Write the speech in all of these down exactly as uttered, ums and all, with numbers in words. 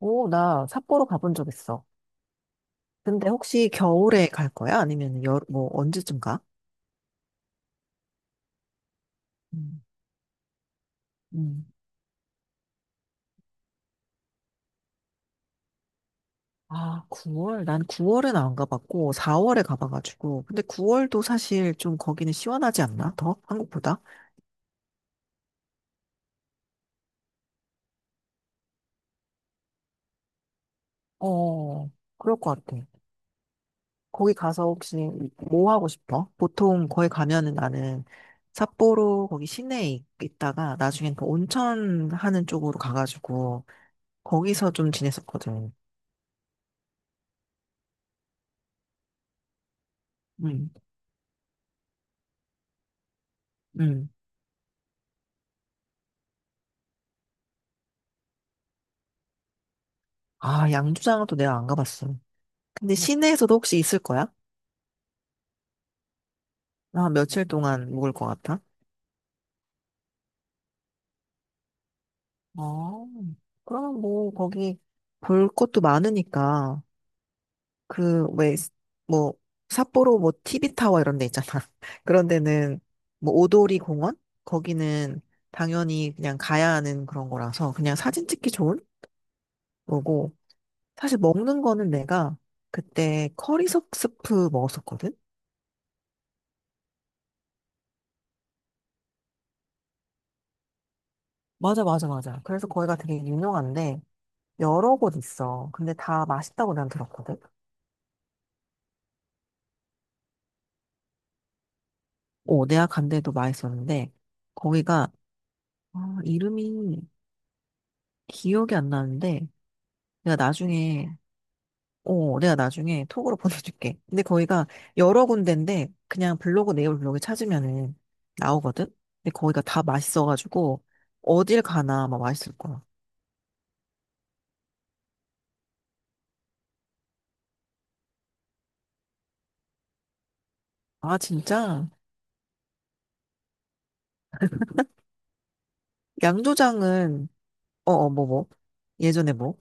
오, 나 삿포로 가본 적 있어. 근데 혹시 겨울에 갈 거야? 아니면 여, 뭐 언제쯤 가? 음, 음. 아, 구월? 난 구월에는 안 가봤고 사월에 가봐가지고. 근데 구월도 사실 좀 거기는 시원하지 않나? 더? 한국보다? 어, 그럴 것 같아. 거기 가서 혹시 뭐 하고 싶어? 보통 거기 가면은 나는 삿포로 거기 시내에 있- 있다가 나중엔 그 온천 하는 쪽으로 가가지고 거기서 좀 지냈었거든. 음. 아, 양주장은 또 내가 안 가봤어. 근데 시내에서도 혹시 있을 거야? 나 며칠 동안 묵을 것 같아? 어, 그러면 뭐, 거기 볼 것도 많으니까, 그, 왜, 뭐, 삿포로 뭐, 티비 타워 이런 데 있잖아. 그런 데는, 뭐, 오도리 공원? 거기는 당연히 그냥 가야 하는 그런 거라서, 그냥 사진 찍기 좋은 거고, 사실 먹는 거는 내가 그때 커리석 스프 먹었었거든? 맞아, 맞아, 맞아. 그래서 거기가 되게 유명한데, 여러 곳 있어. 근데 다 맛있다고 난 들었거든. 어, 내가 간 데도 맛있었는데, 거기가, 아, 이름이 기억이 안 나는데, 내가 나중에, 어, 내가 나중에 톡으로 보내줄게. 근데 거기가 여러 군데인데, 그냥 블로그, 네이버 블로그 찾으면은 나오거든? 근데 거기가 다 맛있어가지고, 어딜 가나 막 맛있을 거야. 아, 진짜? 양조장은, 어, 어, 뭐, 뭐. 예전에 뭐?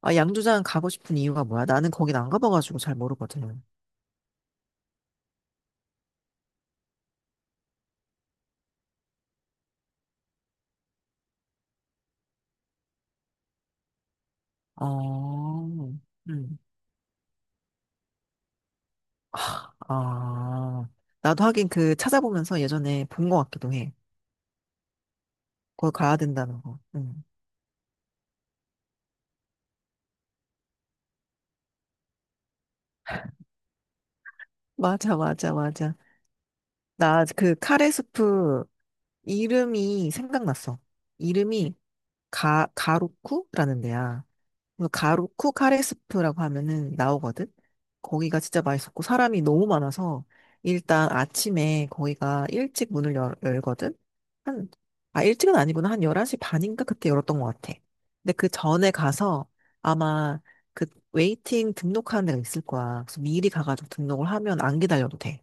아, 양조장 가고 싶은 이유가 뭐야? 나는 거긴 안 가봐가지고 잘 모르거든. 아, 음, 아. 나도 하긴 그 찾아보면서 예전에 본 것 같기도 해. 거기 가야 된다는 거. 음. 맞아, 맞아, 맞아. 나 그 카레 스프 이름이 생각났어. 이름이 가, 가로쿠라는 데야. 그 가루쿠 카레스프라고 하면은 나오거든? 거기가 진짜 맛있었고, 사람이 너무 많아서, 일단 아침에 거기가 일찍 문을 열, 열거든? 한, 아, 일찍은 아니구나. 한 열한 시 반인가 그때 열었던 것 같아. 근데 그 전에 가서 아마 그 웨이팅 등록하는 데가 있을 거야. 그래서 미리 가가지고 등록을 하면 안 기다려도 돼.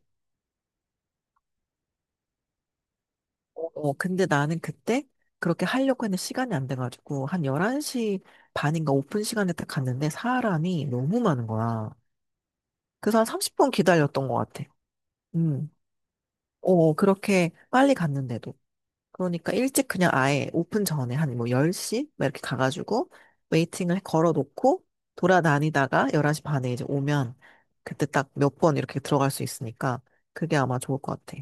어, 근데 나는 그때 그렇게 하려고 했는데 시간이 안 돼가지고, 한 열한 시 반인가 오픈 시간에 딱 갔는데 사람이 너무 많은 거야. 그래서 한 삼십 분 기다렸던 것 같아. 음. 어, 그렇게 빨리 갔는데도. 그러니까 일찍 그냥 아예 오픈 전에 한 뭐 열 시? 막 이렇게 가가지고 웨이팅을 걸어 놓고 돌아다니다가 열한 시 반에 이제 오면 그때 딱 몇 번 이렇게 들어갈 수 있으니까 그게 아마 좋을 것 같아.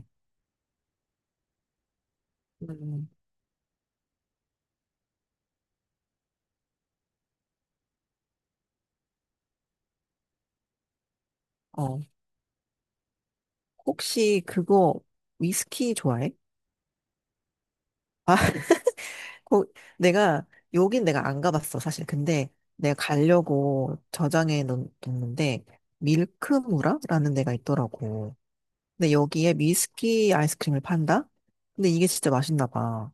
음. 어. 혹시 그거 위스키 좋아해? 거, 내가, 여긴 내가 안 가봤어, 사실. 근데 내가 가려고 저장해 놓- 놓는데, 밀크무라라는 데가 있더라고. 근데 여기에 미스키 아이스크림을 판다? 근데 이게 진짜 맛있나 봐.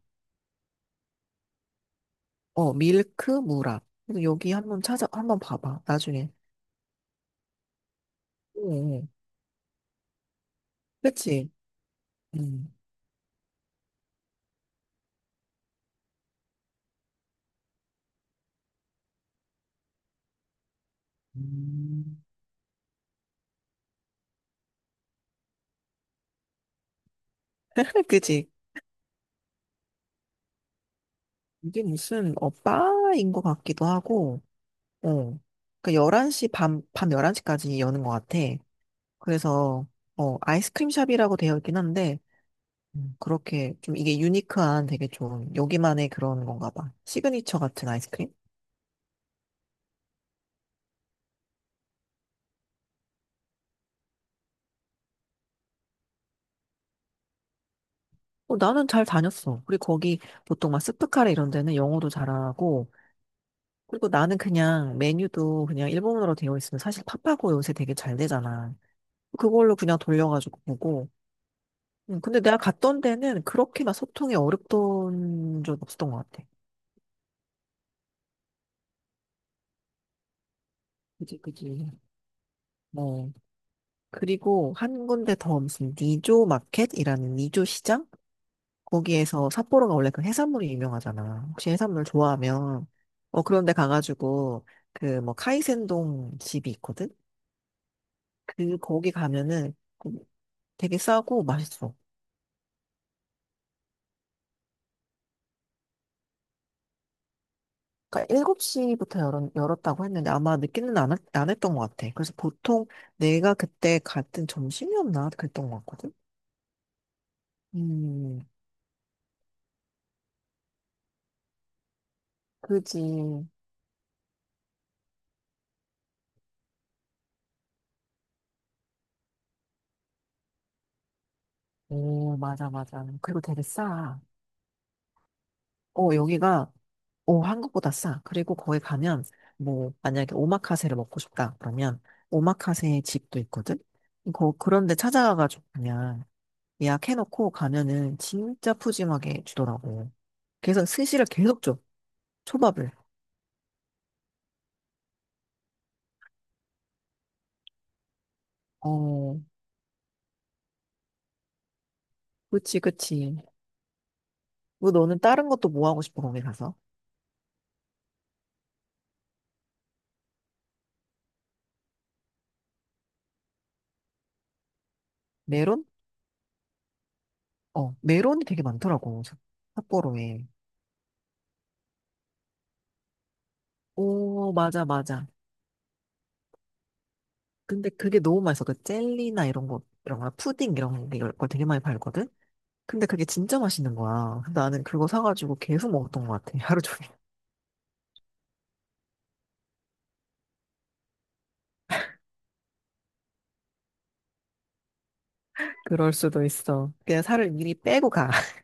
어, 밀크무라. 그래서 여기 한번 찾아, 한번 봐봐, 나중에. 응, 응. 그치? 응. 음. 그치? 이게 무슨, 어, 바인 것 같기도 하고, 어. 그 열한 시, 밤, 밤 열한 시까지 여는 것 같아. 그래서 어 아이스크림 샵이라고 되어 있긴 한데 음, 그렇게 좀 이게 유니크한 되게 좋은 여기만의 그런 건가 봐. 시그니처 같은 아이스크림? 어, 나는 잘 다녔어. 그리고 거기 보통 막 스프카레 이런 데는 영어도 잘하고 그리고 나는 그냥 메뉴도 그냥 일본어로 되어 있으면 사실 팝하고 요새 되게 잘 되잖아. 그걸로 그냥 돌려가지고 보고. 음, 근데 내가 갔던 데는 그렇게 막 소통이 어렵던 적 없었던 것 같아. 그지, 그지. 그리고 한 군데 더 무슨 니조 마켓이라는 니조 시장? 거기에서 삿포로가 원래 그 해산물이 유명하잖아. 혹시 해산물 좋아하면 어 그런데 가가지고 그 뭐 카이센동 집이 있거든. 그 거기 가면은 음, 되게 싸고 맛있어. 그러니까 일곱 시부터 열었, 열었다고 했는데 아마 늦게는 안, 했- 안 했던 것 같아. 그래서 보통 내가 그때 갔던 점심이었나 그랬던 것 같거든. 음, 그지. 오, 맞아, 맞아. 그리고 되게 싸. 어, 여기가 오, 한국보다 싸. 그리고 거기 가면, 뭐, 만약에 오마카세를 먹고 싶다. 그러면, 오마카세 집도 있거든? 거, 그런데 찾아가가지고 그냥 예약해놓고 가면은 진짜 푸짐하게 주더라고. 그래서 스시를 계속 줘. 초밥을. 어, 그치, 그치. 뭐, 너는 다른 것도 뭐 하고 싶어, 거기 가서? 메론? 어, 메론이 되게 많더라고. 삿- 삿포로에. 오, 맞아, 맞아. 근데 그게 너무 맛있어. 그 젤리나 이런 거, 이런 거, 푸딩 이런 게- 이런 걸 되게 많이 팔거든? 근데 그게 진짜 맛있는 거야. 근데 나는 그거 사가지고 계속 먹었던 것 같아. 하루 종일. 그럴 수도 있어. 그냥 살을 미리 빼고 가.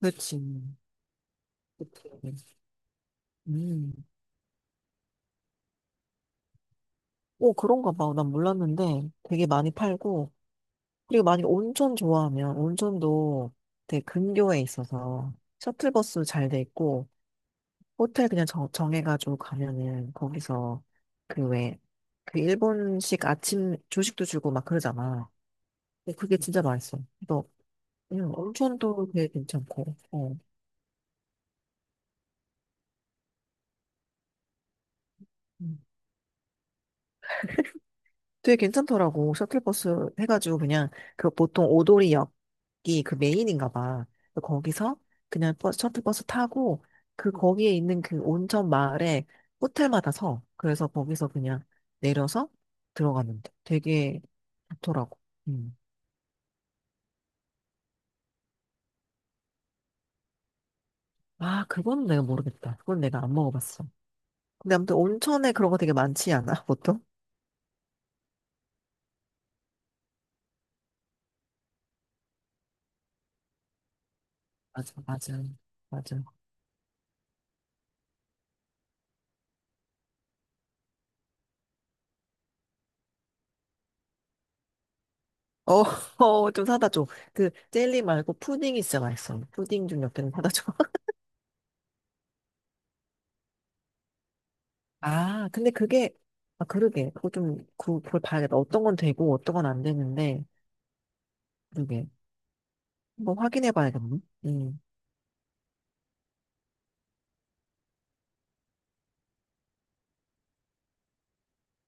그렇지. 그치. 음. 오, 그런가 봐. 난 몰랐는데 되게 많이 팔고. 그리고 만약에 온천 좋아하면 온천도 되게 근교에 있어서 셔틀버스 잘 돼 있고 호텔 그냥 정, 정해가지고 가면은 거기서 그 왜, 그 일본식 아침 조식도 주고 막 그러잖아. 근데 그게 진짜 맛있어. 너 그냥 온천도 되게 괜찮고, 어. 음. 되게 괜찮더라고. 셔틀버스 해가지고 그냥 그 보통 오도리역이 그 메인인가 봐. 그래서 거기서 그냥 버스, 셔틀버스 타고 그 거기에 있는 그 온천 마을에 호텔마다 서. 그래서 거기서 그냥 내려서 들어가는데 되게 좋더라고. 음. 아, 그건 내가 모르겠다. 그건 내가 안 먹어봤어. 근데 아무튼 온천에 그런 거 되게 많지 않아, 보통? 맞아, 맞아, 맞아. 어, 어, 좀 사다 줘. 그, 젤리 말고 푸딩이 진짜 맛있어. 푸딩 좀 몇 개는 사다 줘. 아, 근데 그게, 아, 그러게. 그거 좀, 그, 그걸 봐야겠다. 어떤 건 되고, 어떤 건 안 되는데, 그러게. 한번 확인해 봐야겠네. 응.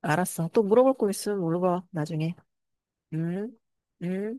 알았어. 또 물어볼 거 있으면 물어봐, 나중에. 응? 응?